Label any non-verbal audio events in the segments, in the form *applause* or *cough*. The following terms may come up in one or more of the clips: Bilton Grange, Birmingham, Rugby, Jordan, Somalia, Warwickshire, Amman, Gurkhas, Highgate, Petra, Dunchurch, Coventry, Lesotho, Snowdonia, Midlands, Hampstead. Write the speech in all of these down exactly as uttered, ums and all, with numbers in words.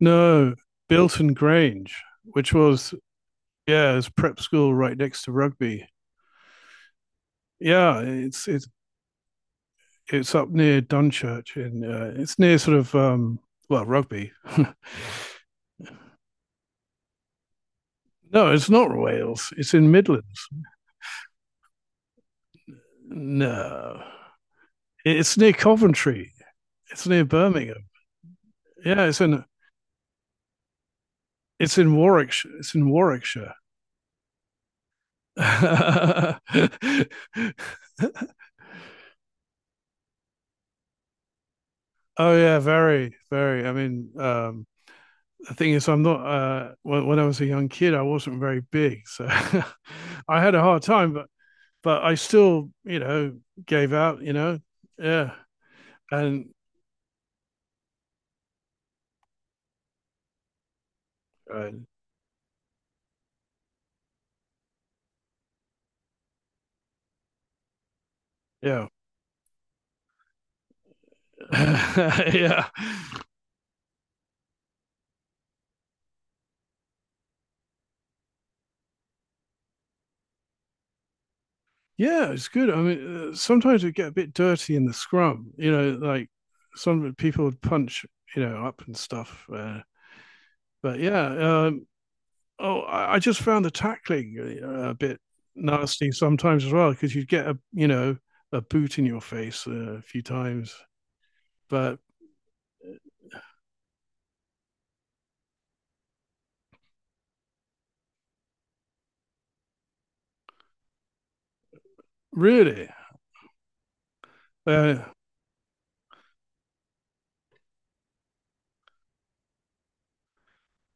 No, Bilton Grange, which was yeah, it's prep school right next to Rugby. Yeah, it's it's it's up near Dunchurch and uh, it's near sort of um well Rugby. *laughs* No, it's not Wales. It's in Midlands. No, it's near Coventry. It's near Birmingham. Yeah, it's in it's in Warwickshire. It's in Warwickshire. *laughs* Oh yeah, very, very. I mean, um, the thing is, I'm not. Uh, when, when I was a young kid, I wasn't very big, so *laughs* I had a hard time. But but I still, you know, gave out. You know, yeah, and uh, yeah, *laughs* yeah, yeah. It's good. I mean, uh, sometimes it get a bit dirty in the scrum. You know, like some people would punch, you know, up and stuff. Uh, but yeah, um, oh, I just found the tackling uh, a bit nasty sometimes as well because you'd get a you know a boot in your face uh, a few times, but really, uh,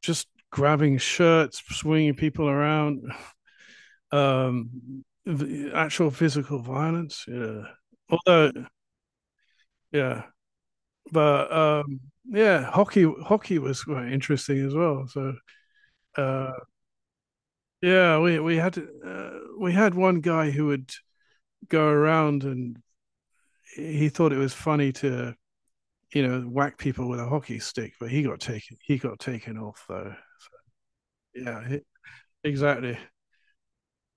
just grabbing shirts, swinging people around, um, the actual physical violence. Yeah, although yeah, but um, yeah, hockey hockey was quite interesting as well. So uh, yeah, we we had uh, we had one guy who would go around and he thought it was funny to you know whack people with a hockey stick, but he got taken he got taken off though. Yeah, he- exactly.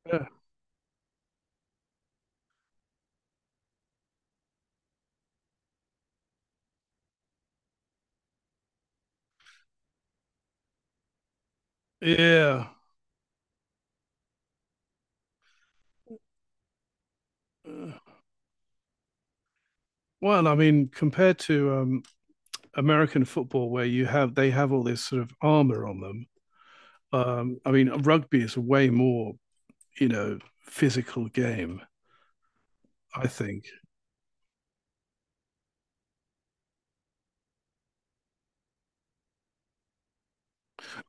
Yeah, yeah. Uh, well, I mean, compared to um, American football, where you have they have all this sort of armor on them. Um, I mean, rugby is a way more you know physical game. I think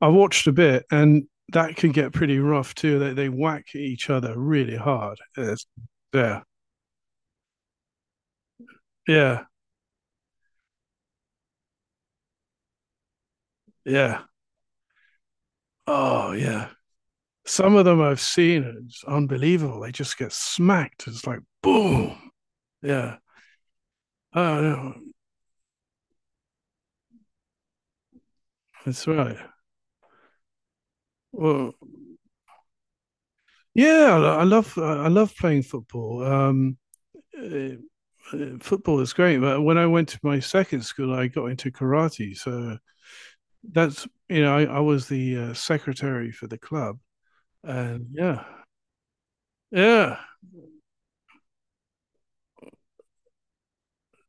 I watched a bit, and that can get pretty rough too. They they whack each other really hard. It's- yeah, yeah, yeah. Oh yeah. Some of them I've seen it's unbelievable. They just get smacked. It's like boom. Yeah. Oh no, that's right. Well, yeah, I love I love playing football. Um, uh, football is great, but when I went to my second school, I got into karate. So that's you know I, I was the uh, secretary for the club, and yeah, yeah,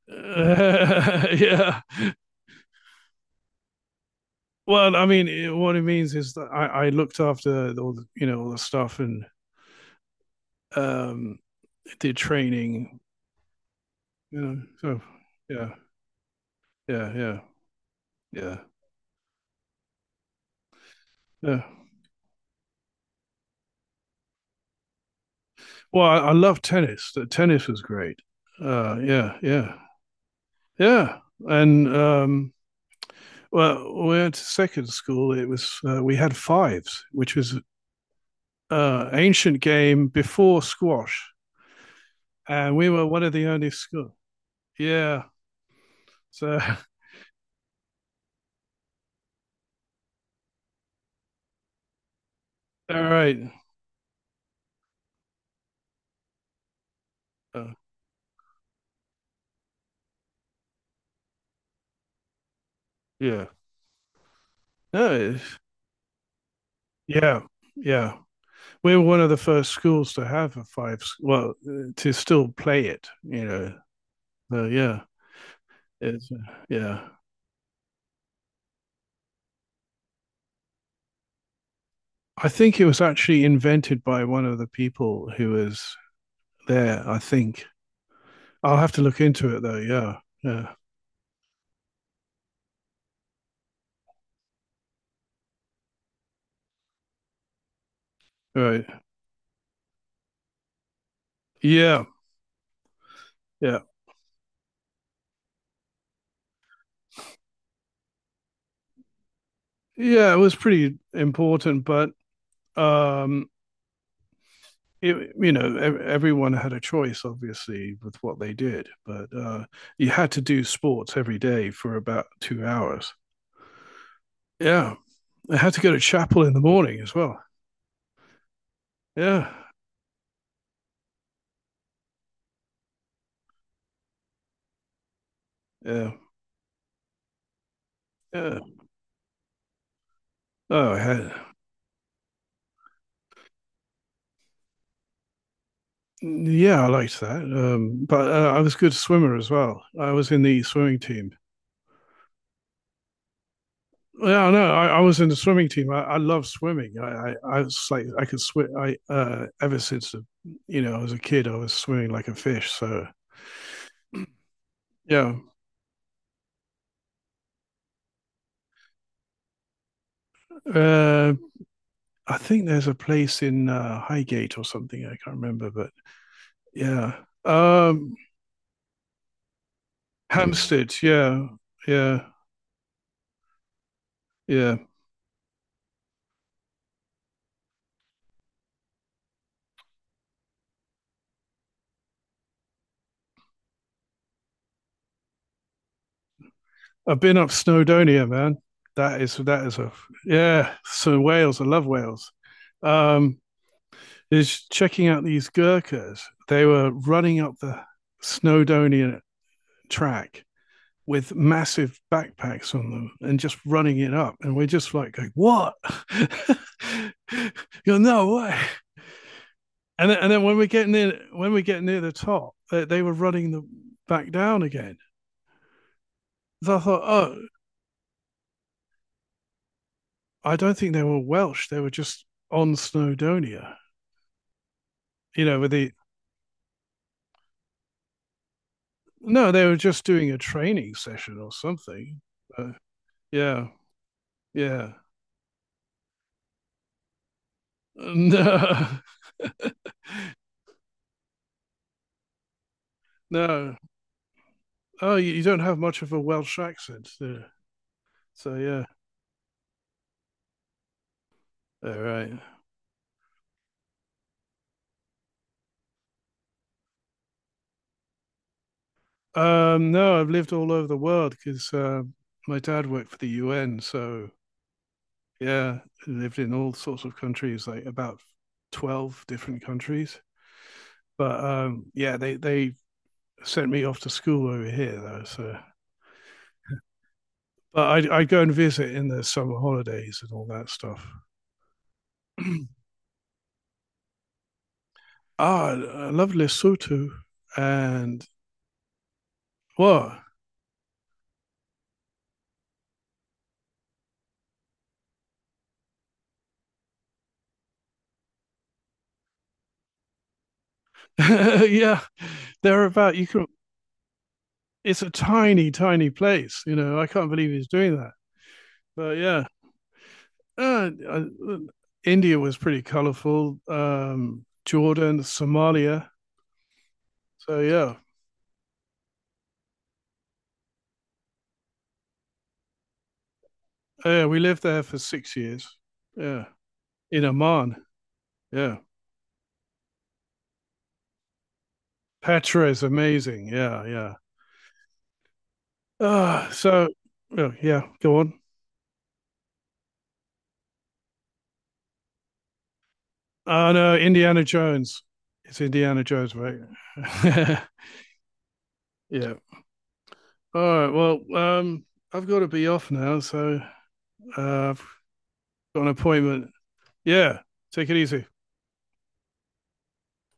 *laughs* yeah. Well, I mean, it, what it means is that I, I looked after all the, you know, all the stuff and um, did training. You know, so yeah, yeah, yeah, yeah, yeah. Well, I, I love tennis. The tennis was great. Uh, yeah, yeah, yeah. And um, well, when we went to second school. It was uh, we had fives, which was uh, ancient game before squash, and we were one of the only school. Yeah. So *laughs* all right. Uh, yeah. No, yeah, yeah. We were one of the first schools to have a five, s- well, uh, to still play it, you know. So yeah, it's uh, yeah. I think it was actually invented by one of the people who was there, I think. I'll have to look into it though. Yeah. Yeah. Right. Yeah. Yeah. Yeah, it was pretty important, but um it, you know, everyone had a choice, obviously, with what they did, but uh, you had to do sports every day for about two hours. Yeah, I had to go to chapel in the morning as well. Yeah, yeah, yeah. Oh, I had, yeah, I liked that. Um, but uh, I was a good swimmer as well. I was in the swimming team. Yeah, no, I, I was in the swimming team. I, I love swimming. I, I, I was like, I could swim. I uh, ever since you know I was a kid, I was swimming like a fish. So yeah, uh, I think there's a place in uh, Highgate or something. I can't remember, but yeah. Um, Hampstead. Yeah, yeah, yeah. I've been up Snowdonia, man. That is that is a yeah. So Wales, I love Wales. Um, is checking out these Gurkhas. They were running up the Snowdonia track with massive backpacks on them and just running it up. And we're just like, going, what? *laughs* You are no way. And then, and then when we get near when we get near the top, they, they were running the back down again. So I thought, oh, I don't think they were Welsh. They were just on Snowdonia. You know, with the no, they were just doing a training session or something. Uh, yeah, yeah. *laughs* No, no. Oh, you, you don't have much of a Welsh accent. Yeah. So yeah, all right. Um, no, I've lived all over the world because uh, my dad worked for the U N, so yeah, lived in all sorts of countries, like about twelve different countries. But um, yeah, they, they sent me off to school over here, though. So, but I'd, I'd go and visit in the summer holidays and all that stuff. Ah, I love Lesotho. And what? *laughs* Yeah, they're about, you can, it's a tiny, tiny place. You know, I can't believe he's doing that. But yeah, uh, I- India was pretty colorful. Um, Jordan, Somalia, so yeah, yeah, we lived there for six years. Yeah, in Amman. Yeah, Petra is amazing. Yeah, yeah. Ah, so oh, yeah, go on. Oh no, Indiana Jones. It's Indiana Jones, right? *laughs* Yeah. All right. Well, um, I've got to be off now, so uh, I've got an appointment. Yeah. Take it easy.